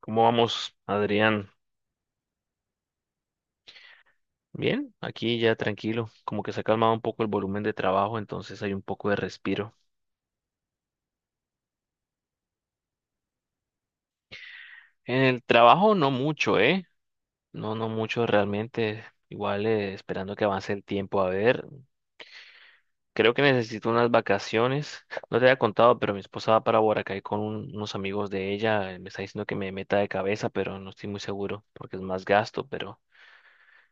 ¿Cómo vamos, Adrián? Bien, aquí ya tranquilo, como que se ha calmado un poco el volumen de trabajo, entonces hay un poco de respiro. En el trabajo no mucho, ¿eh? No, no mucho realmente. Igual esperando que avance el tiempo. A ver, creo que necesito unas vacaciones. No te había contado, pero mi esposa va para Boracay con unos amigos de ella. Me está diciendo que me meta de cabeza, pero no estoy muy seguro porque es más gasto, pero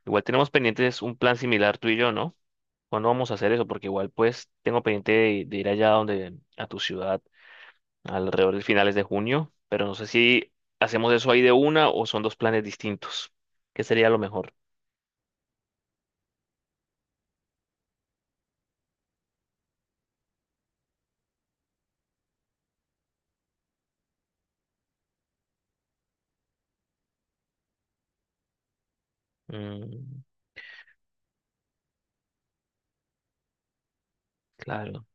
igual tenemos pendientes un plan similar tú y yo, ¿no? ¿Cuándo vamos a hacer eso? Porque igual pues tengo pendiente de ir allá donde, a tu ciudad, alrededor de finales de junio, pero no sé si hacemos eso ahí de una o son dos planes distintos. ¿Qué sería lo mejor? Mm, claro.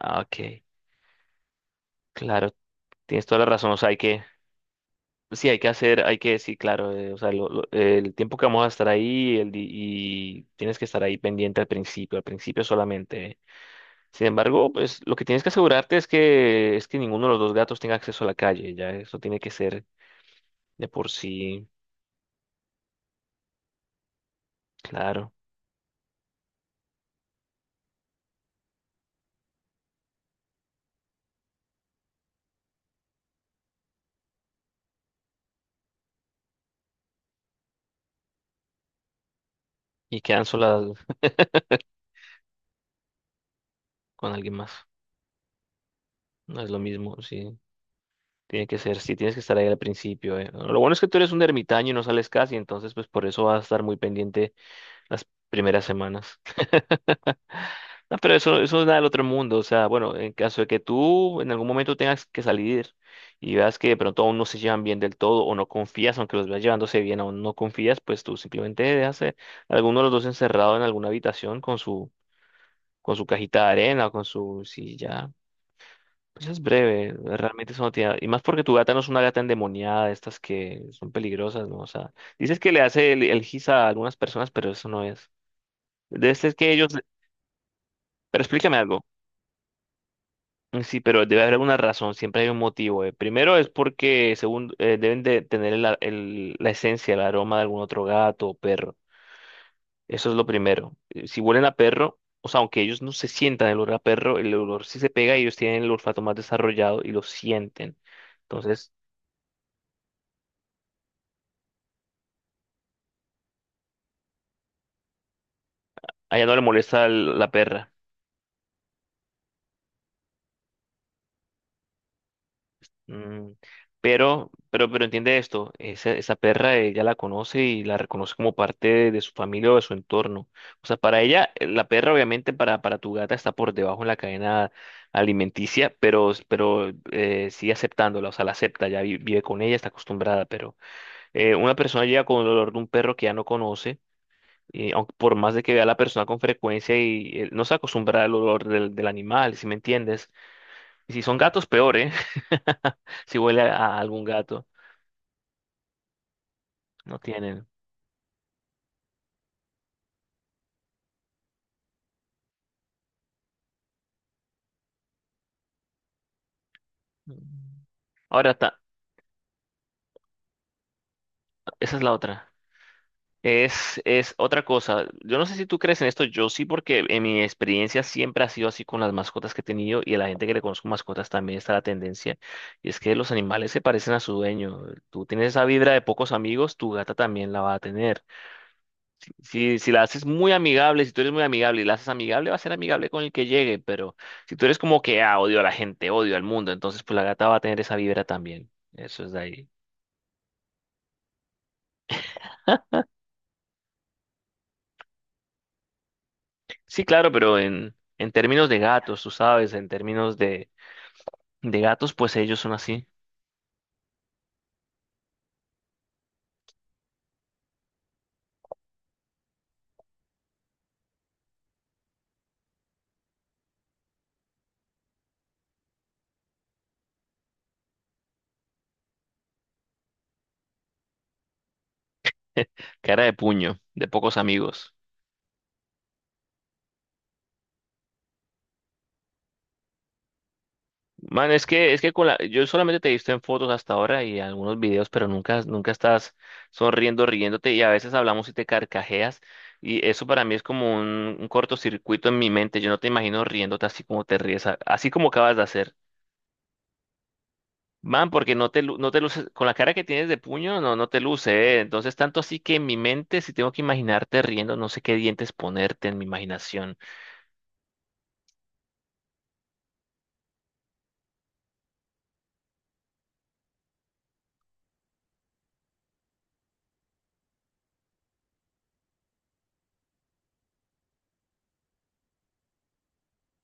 Ah, ok, claro, tienes toda la razón. O sea, hay que, sí, hay que hacer, hay que, sí, claro, o sea, el tiempo que vamos a estar ahí el, y tienes que estar ahí pendiente al principio solamente. Sin embargo, pues lo que tienes que asegurarte es que ninguno de los dos gatos tenga acceso a la calle, ya eso tiene que ser de por sí, claro. Y quedan solas con alguien más. No es lo mismo, sí. Tiene que ser, sí, tienes que estar ahí al principio. Lo bueno es que tú eres un ermitaño y no sales casi, entonces pues por eso vas a estar muy pendiente las primeras semanas. No, pero eso no es nada del otro mundo. O sea, bueno, en caso de que tú en algún momento tengas que salir y veas que de pronto aún no se llevan bien del todo o no confías, aunque los veas llevándose bien, aún no confías, pues tú simplemente dejas a alguno de los dos encerrado en alguna habitación con su cajita de arena o con su silla. Pues es breve, realmente eso no tiene. Y más porque tu gata no es una gata endemoniada, de estas que son peligrosas, ¿no? O sea, dices que le hace el gis a algunas personas, pero eso no es. De este es que ellos. Pero explícame algo. Mm, sí, pero debe haber alguna razón, siempre hay un motivo. Primero es porque según deben de tener la esencia, el aroma de algún otro gato o perro. Eso es lo primero. Si huelen a perro, o sea, aunque ellos no se sientan el olor a perro, el olor sí se pega y ellos tienen el olfato más desarrollado y lo sienten. Entonces, a ella no le molesta la perra. Mm, pero entiende esto, esa perra ella la conoce y la reconoce como parte de su familia o de su entorno. O sea, para ella, la perra obviamente para tu gata está por debajo en la cadena alimenticia, pero sigue aceptándola, o sea, la acepta, ya vive con ella, está acostumbrada, pero una persona llega con el olor de un perro que ya no conoce. Y aunque por más de que vea a la persona con frecuencia y no se acostumbra al olor del animal, ¿si me entiendes? Y si son gatos, peor, ¿eh? Si huele a algún gato. No tienen. Ahora, esa es la otra. Es otra cosa. Yo no sé si tú crees en esto, yo sí, porque en mi experiencia siempre ha sido así con las mascotas que he tenido y a la gente que le conozco mascotas también está la tendencia. Y es que los animales se parecen a su dueño. Tú tienes esa vibra de pocos amigos, tu gata también la va a tener. Si, si la haces muy amigable, si tú eres muy amigable y la haces amigable, va a ser amigable con el que llegue, pero si tú eres como que, ah, odio a la gente, odio al mundo, entonces pues la gata va a tener esa vibra también. Eso es de ahí. Sí, claro, pero en términos de gatos, tú sabes, en términos de gatos, pues ellos son así. Cara de puño, de pocos amigos. Man, es que con la, yo solamente te he visto en fotos hasta ahora y algunos videos, pero nunca, nunca estás sonriendo, riéndote y a veces hablamos y te carcajeas y eso para mí es como un cortocircuito en mi mente. Yo no te imagino riéndote así como te ríes, así como acabas de hacer. Man, porque no te, no te luces, con la cara que tienes de puño, no, no te luce, ¿eh? Entonces, tanto así que en mi mente, si tengo que imaginarte riendo, no sé qué dientes ponerte en mi imaginación.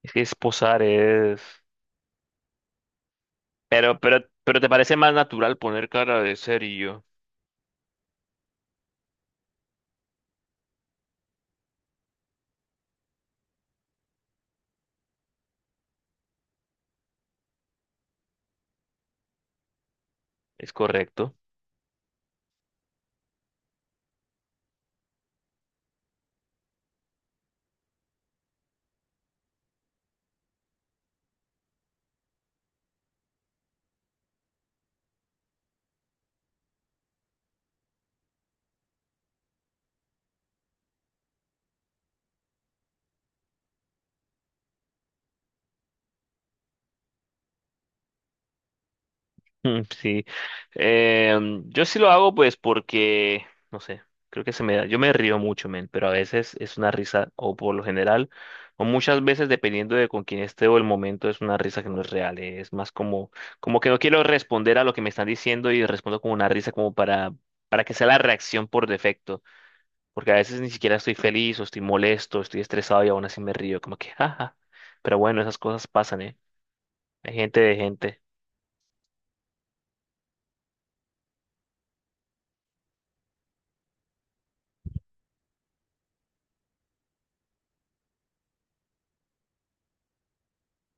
Es que es posar, es... pero te parece más natural poner cara de serio. Es correcto. Mm, sí. Yo sí lo hago pues porque, no sé, creo que se me da, yo me río mucho, men, pero a veces es una risa, o por lo general, o muchas veces dependiendo de con quién esté o el momento, es una risa que no es real, es más como, como que no quiero responder a lo que me están diciendo y respondo con una risa como para que sea la reacción por defecto, porque a veces ni siquiera estoy feliz o estoy molesto, estoy estresado y aún así me río, como que, jaja. Pero bueno, esas cosas pasan, ¿eh? Hay gente,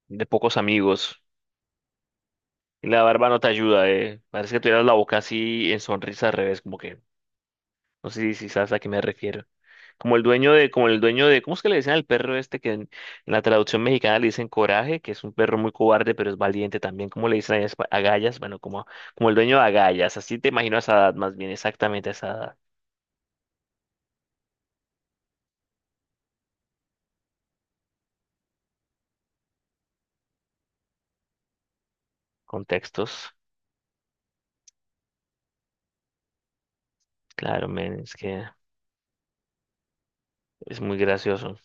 de pocos amigos. Y la barba no te ayuda, eh. Parece que tuvieras la boca así en sonrisa al revés, como que, no sé si, si sabes a qué me refiero. Como el dueño de, como el dueño de, ¿cómo es que le dicen al perro este que en la traducción mexicana le dicen Coraje, que es un perro muy cobarde, pero es valiente también? ¿Cómo le dicen a Agallas? Bueno, como, como el dueño de Agallas, así te imagino a esa edad, más bien exactamente a esa edad. Contextos, claro, men, es que es muy gracioso.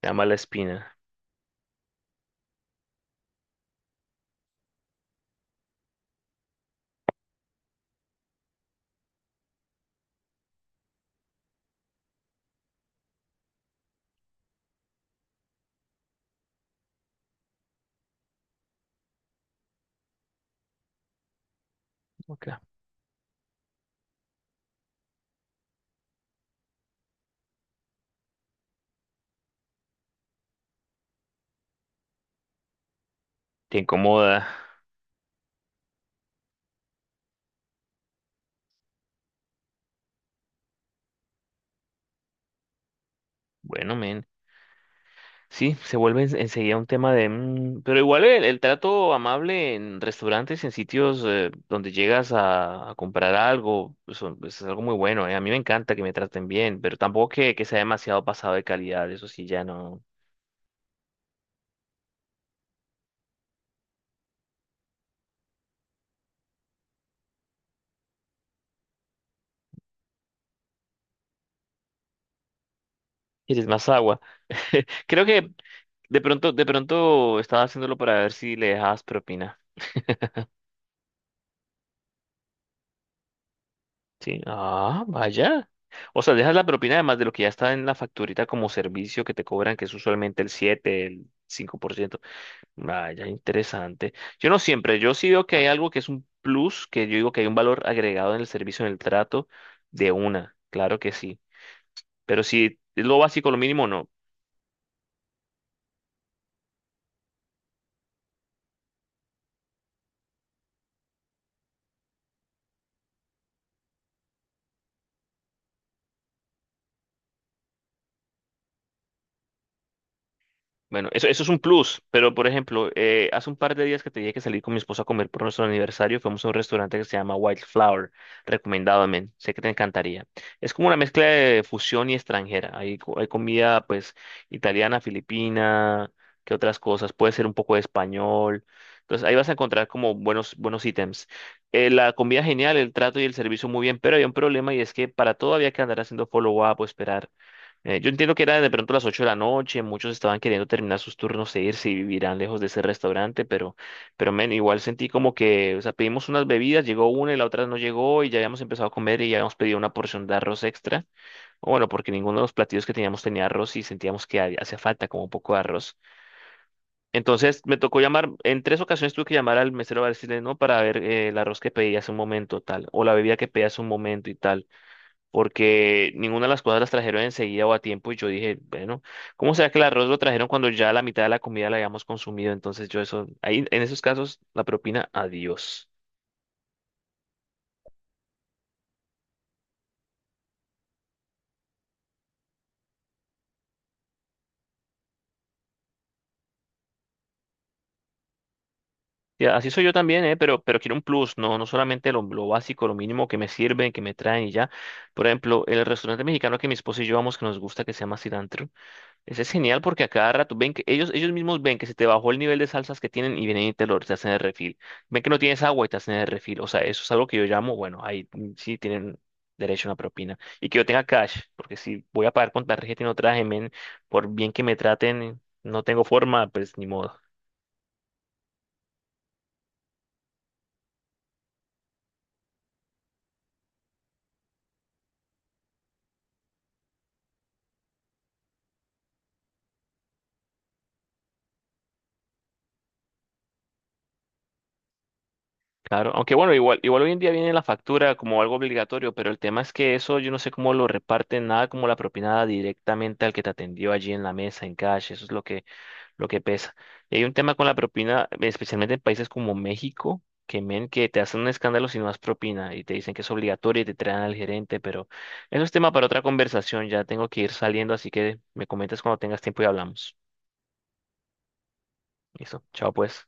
Te ama la espina. Ok. Te incomoda. Bueno, men. Sí, se vuelve enseguida un tema de... mm, pero igual el trato amable en restaurantes, en sitios donde llegas a comprar algo, eso, es algo muy bueno, ¿eh? A mí me encanta que me traten bien, pero tampoco que, que sea demasiado pasado de calidad, eso sí, ya no... Quieres más agua. Creo que de pronto estaba haciéndolo para ver si le dejabas propina. Sí, ah, vaya. O sea, dejas la propina además de lo que ya está en la facturita como servicio que te cobran, que es usualmente el 7, el 5%. Vaya, interesante. Yo no siempre, yo sí veo que hay algo que es un plus, que yo digo que hay un valor agregado en el servicio, en el trato, de una, claro que sí. Pero si es lo básico, lo mínimo, no. Bueno, eso es un plus, pero por ejemplo, hace un par de días que tenía que salir con mi esposa a comer por nuestro aniversario, fuimos a un restaurante que se llama Wildflower, recomendado, men, sé que te encantaría. Es como una mezcla de fusión y extranjera, hay, hay comida pues italiana, filipina, que otras cosas, puede ser un poco de español, entonces ahí vas a encontrar como buenos, buenos ítems. La comida genial, el trato y el servicio muy bien, pero había un problema y es que para todo había que andar haciendo follow-up o esperar. Yo entiendo que era de pronto las 8 de la noche, muchos estaban queriendo terminar sus turnos e irse y vivirán lejos de ese restaurante, pero men, igual sentí como que, o sea, pedimos unas bebidas, llegó una y la otra no llegó y ya habíamos empezado a comer y ya habíamos pedido una porción de arroz extra, o bueno, porque ninguno de los platillos que teníamos tenía arroz y sentíamos que hacía falta como un poco de arroz. Entonces me tocó llamar, en 3 ocasiones tuve que llamar al mesero para decirle no para ver el arroz que pedí hace un momento tal, o la bebida que pedí hace un momento y tal porque ninguna de las cosas las trajeron enseguida o a tiempo y yo dije, bueno, ¿cómo será que el arroz lo trajeron cuando ya la mitad de la comida la habíamos consumido? Entonces yo eso, ahí en esos casos la propina, adiós. Y así soy yo también, ¿eh? Pero quiero un plus, no, no solamente lo básico, lo mínimo que me sirven, que me traen y ya. Por ejemplo, el restaurante mexicano que mi esposa y yo vamos, que nos gusta, que se llama Cilantro. Ese es genial porque a cada rato ven que ellos mismos ven que se te bajó el nivel de salsas que tienen y vienen y te hacen de refil. Ven que no tienes agua y te hacen de refil. O sea, eso es algo que yo llamo, bueno, ahí mm, sí tienen derecho a una propina. Y que yo tenga cash, porque si voy a pagar con tarjeta y no traje, men, por bien que me traten, no tengo forma, pues ni modo. Claro, aunque bueno, igual, igual hoy en día viene la factura como algo obligatorio, pero el tema es que eso yo no sé cómo lo reparten, nada como la propinada directamente al que te atendió allí en la mesa, en cash, eso es lo que pesa. Y hay un tema con la propina, especialmente en países como México, que men, que te hacen un escándalo si no das propina y te dicen que es obligatorio y te traen al gerente, pero eso es tema para otra conversación. Ya tengo que ir saliendo, así que me comentas cuando tengas tiempo y hablamos. Listo, chao pues.